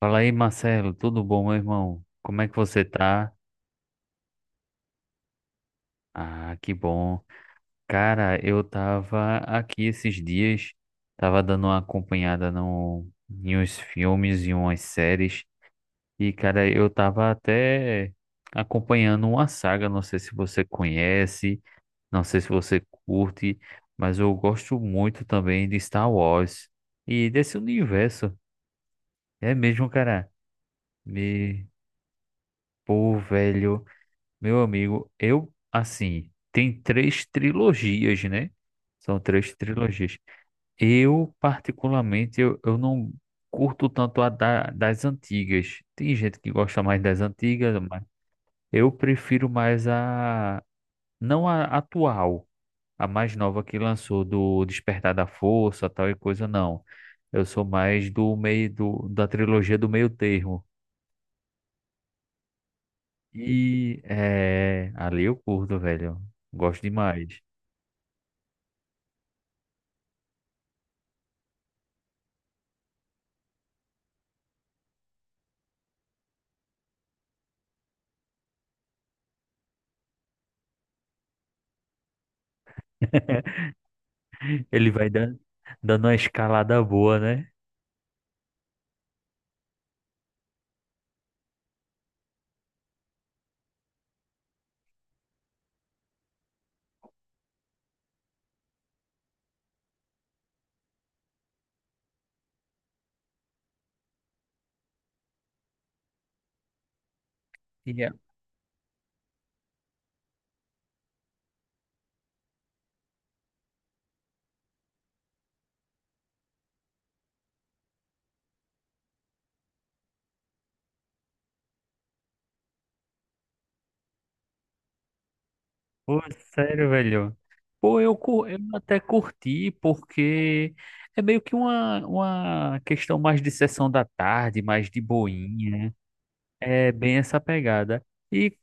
Fala aí, Marcelo, tudo bom, meu irmão? Como é que você tá? Ah, que bom. Cara, eu tava aqui esses dias, tava dando uma acompanhada no, em uns filmes e umas séries, e cara, eu tava até acompanhando uma saga, não sei se você conhece, não sei se você curte, mas eu gosto muito também de Star Wars e desse universo. É mesmo, cara. Me... Pô, velho. Meu amigo, eu, assim, tem três trilogias, né? São três trilogias. Eu, particularmente, eu não curto tanto das antigas. Tem gente que gosta mais das antigas, mas eu prefiro mais a... Não a atual, a mais nova que lançou do Despertar da Força, tal e coisa, não. Eu sou mais da trilogia do meio termo. E é, ali eu curto, velho. Gosto demais. Ele vai dando, dando uma escalada boa, né? E é- Pô, sério, velho. Pô, eu até curti, porque é meio que uma questão mais de sessão da tarde, mais de boinha, né? É bem essa pegada. E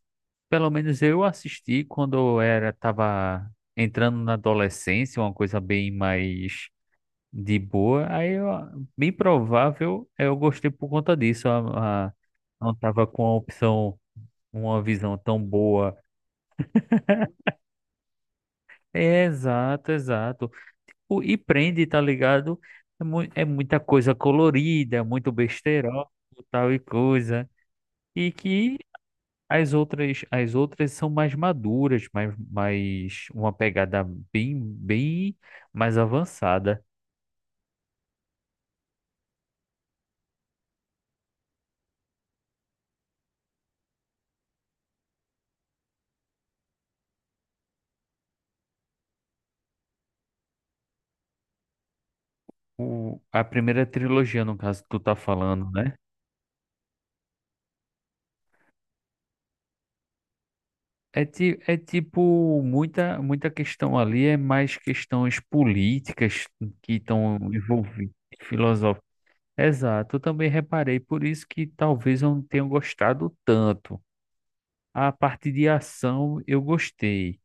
pelo menos eu assisti quando eu era, tava entrando na adolescência, uma coisa bem mais de boa. Aí, ó, bem provável, eu gostei por conta disso. Não tava com a opção. Uma visão tão boa. É, exato, exato. Tipo, e prende, tá ligado? É, mu é muita coisa colorida, é muito besteirol, tal e coisa. E que as outras são mais maduras, mais uma pegada bem mais avançada. O, a primeira trilogia, no caso, que tu tá falando, né? É, é tipo, muita questão ali é mais questões políticas que estão envolvidas, filosóficas. Exato, eu também reparei, por isso que talvez eu não tenha gostado tanto. A parte de ação eu gostei,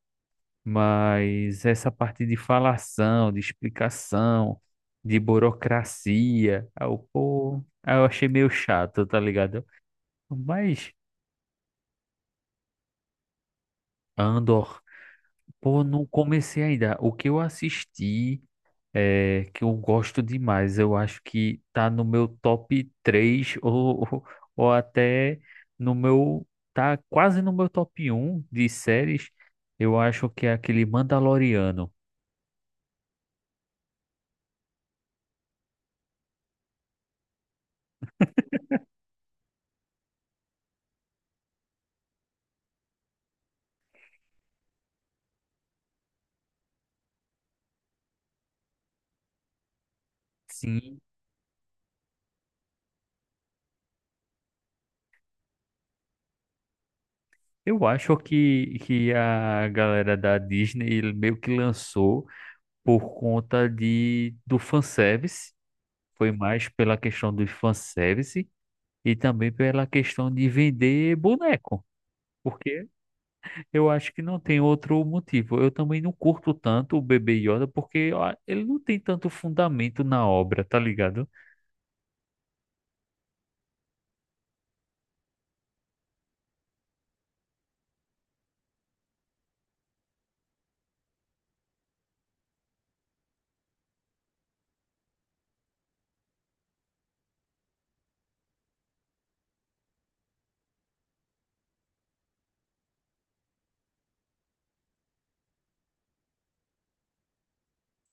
mas essa parte de falação, de explicação, de burocracia, aí eu, pô, aí eu achei meio chato, tá ligado? Mas Andor, pô, não comecei ainda. O que eu assisti é, que eu gosto demais. Eu acho que tá no meu top 3 ou até no meu, tá quase no meu top um de séries. Eu acho que é aquele Mandaloriano. Sim, eu acho que a galera da Disney ele meio que lançou por conta do fanservice. Foi mais pela questão do fanservice e também pela questão de vender boneco. Porque eu acho que não tem outro motivo. Eu também não curto tanto o Bebê Yoda porque ó, ele não tem tanto fundamento na obra, tá ligado?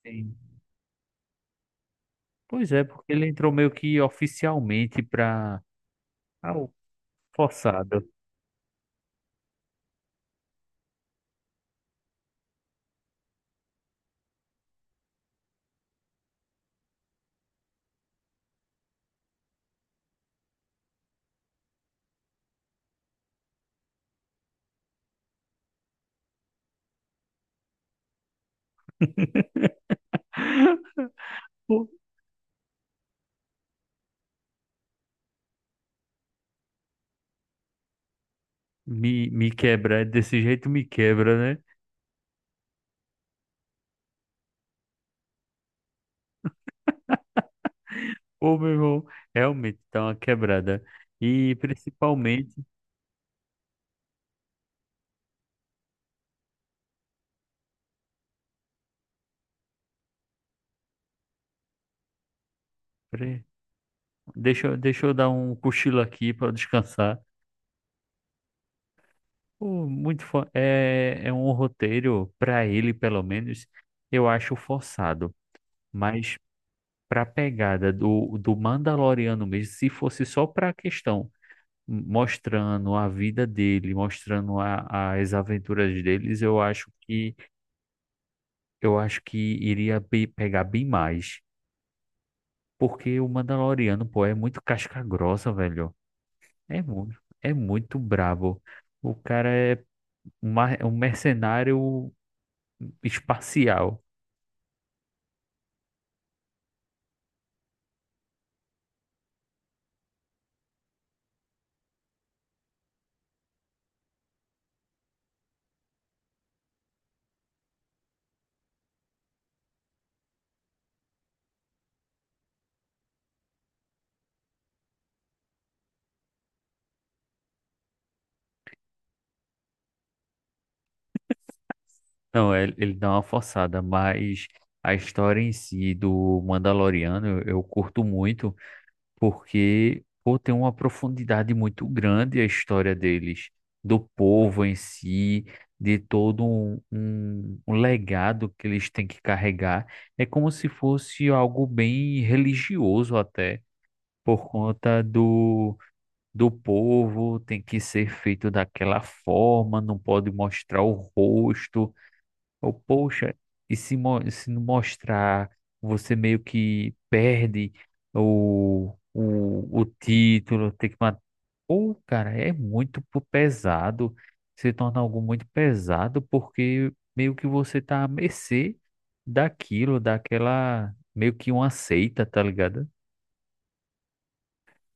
Sim. Pois é, porque ele entrou meio que oficialmente pra. Ah, o forçado. Pô, me quebra, desse jeito me quebra, né? Ô, meu irmão, realmente tá uma quebrada. E principalmente. Peraí, deixa eu dar um cochilo aqui pra descansar. Pô, é, é um roteiro, para ele pelo menos, eu acho forçado. Mas para a pegada do Mandaloriano mesmo, se fosse só para a questão mostrando a vida dele, as aventuras deles, eu acho que iria pegar bem mais. Porque o Mandaloriano, pô, é muito casca grossa, velho. É muito brabo. O cara é um mercenário espacial. Não, é, ele dá uma forçada, mas a história em si do Mandaloriano eu curto muito, porque pô, tem uma profundidade muito grande a história deles, do povo em si, de todo um legado que eles têm que carregar. É como se fosse algo bem religioso até, por conta do povo, tem que ser feito daquela forma, não pode mostrar o rosto ou, poxa, e se, se não mostrar, você meio que perde o título, tem que matar. Ou, cara, é pesado, se torna algo muito pesado, porque meio que você tá à mercê daquilo, daquela, meio que uma seita, tá ligado?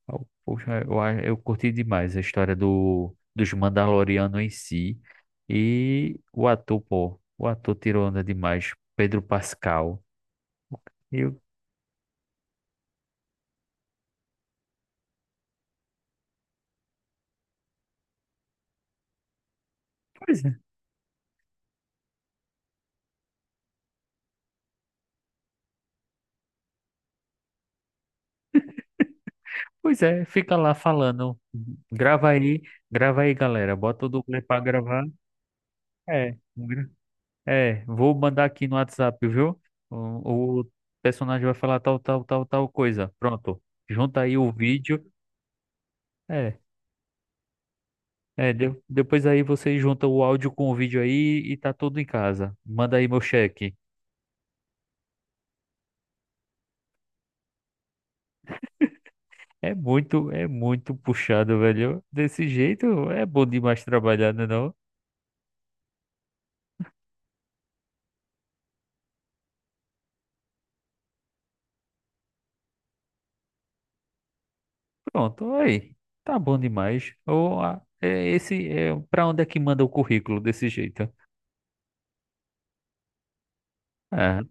Poxa, eu curti demais a história dos Mandalorianos em si. E o ator, pô, o ator tirou onda demais, Pedro Pascal. E eu, pois é, pois é, fica lá falando. Grava aí, grava aí, galera. Bota o dublê pra gravar. É, é, vou mandar aqui no WhatsApp, viu? O personagem vai falar tal, tal, tal, tal coisa. Pronto. Junta aí o vídeo. É. É, depois aí você junta o áudio com o vídeo aí e tá tudo em casa. Manda aí meu cheque. É muito puxado, velho. Desse jeito é bom demais trabalhar, né não? Pronto, aí. Tá bom demais. Ou ah, é esse é para onde é que manda o currículo desse jeito? Ah,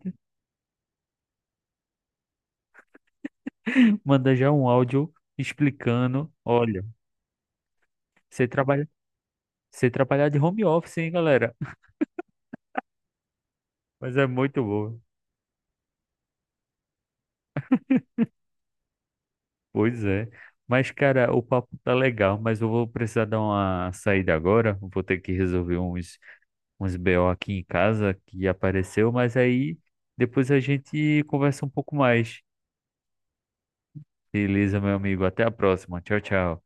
manda já um áudio explicando, olha, você trabalha, você trabalhar de home office, hein, galera? Mas é muito bom. Pois é. Mas, cara, o papo tá legal, mas eu vou precisar dar uma saída agora. Vou ter que resolver uns, uns BO aqui em casa que apareceu, mas aí depois a gente conversa um pouco mais. Beleza, meu amigo. Até a próxima. Tchau, tchau.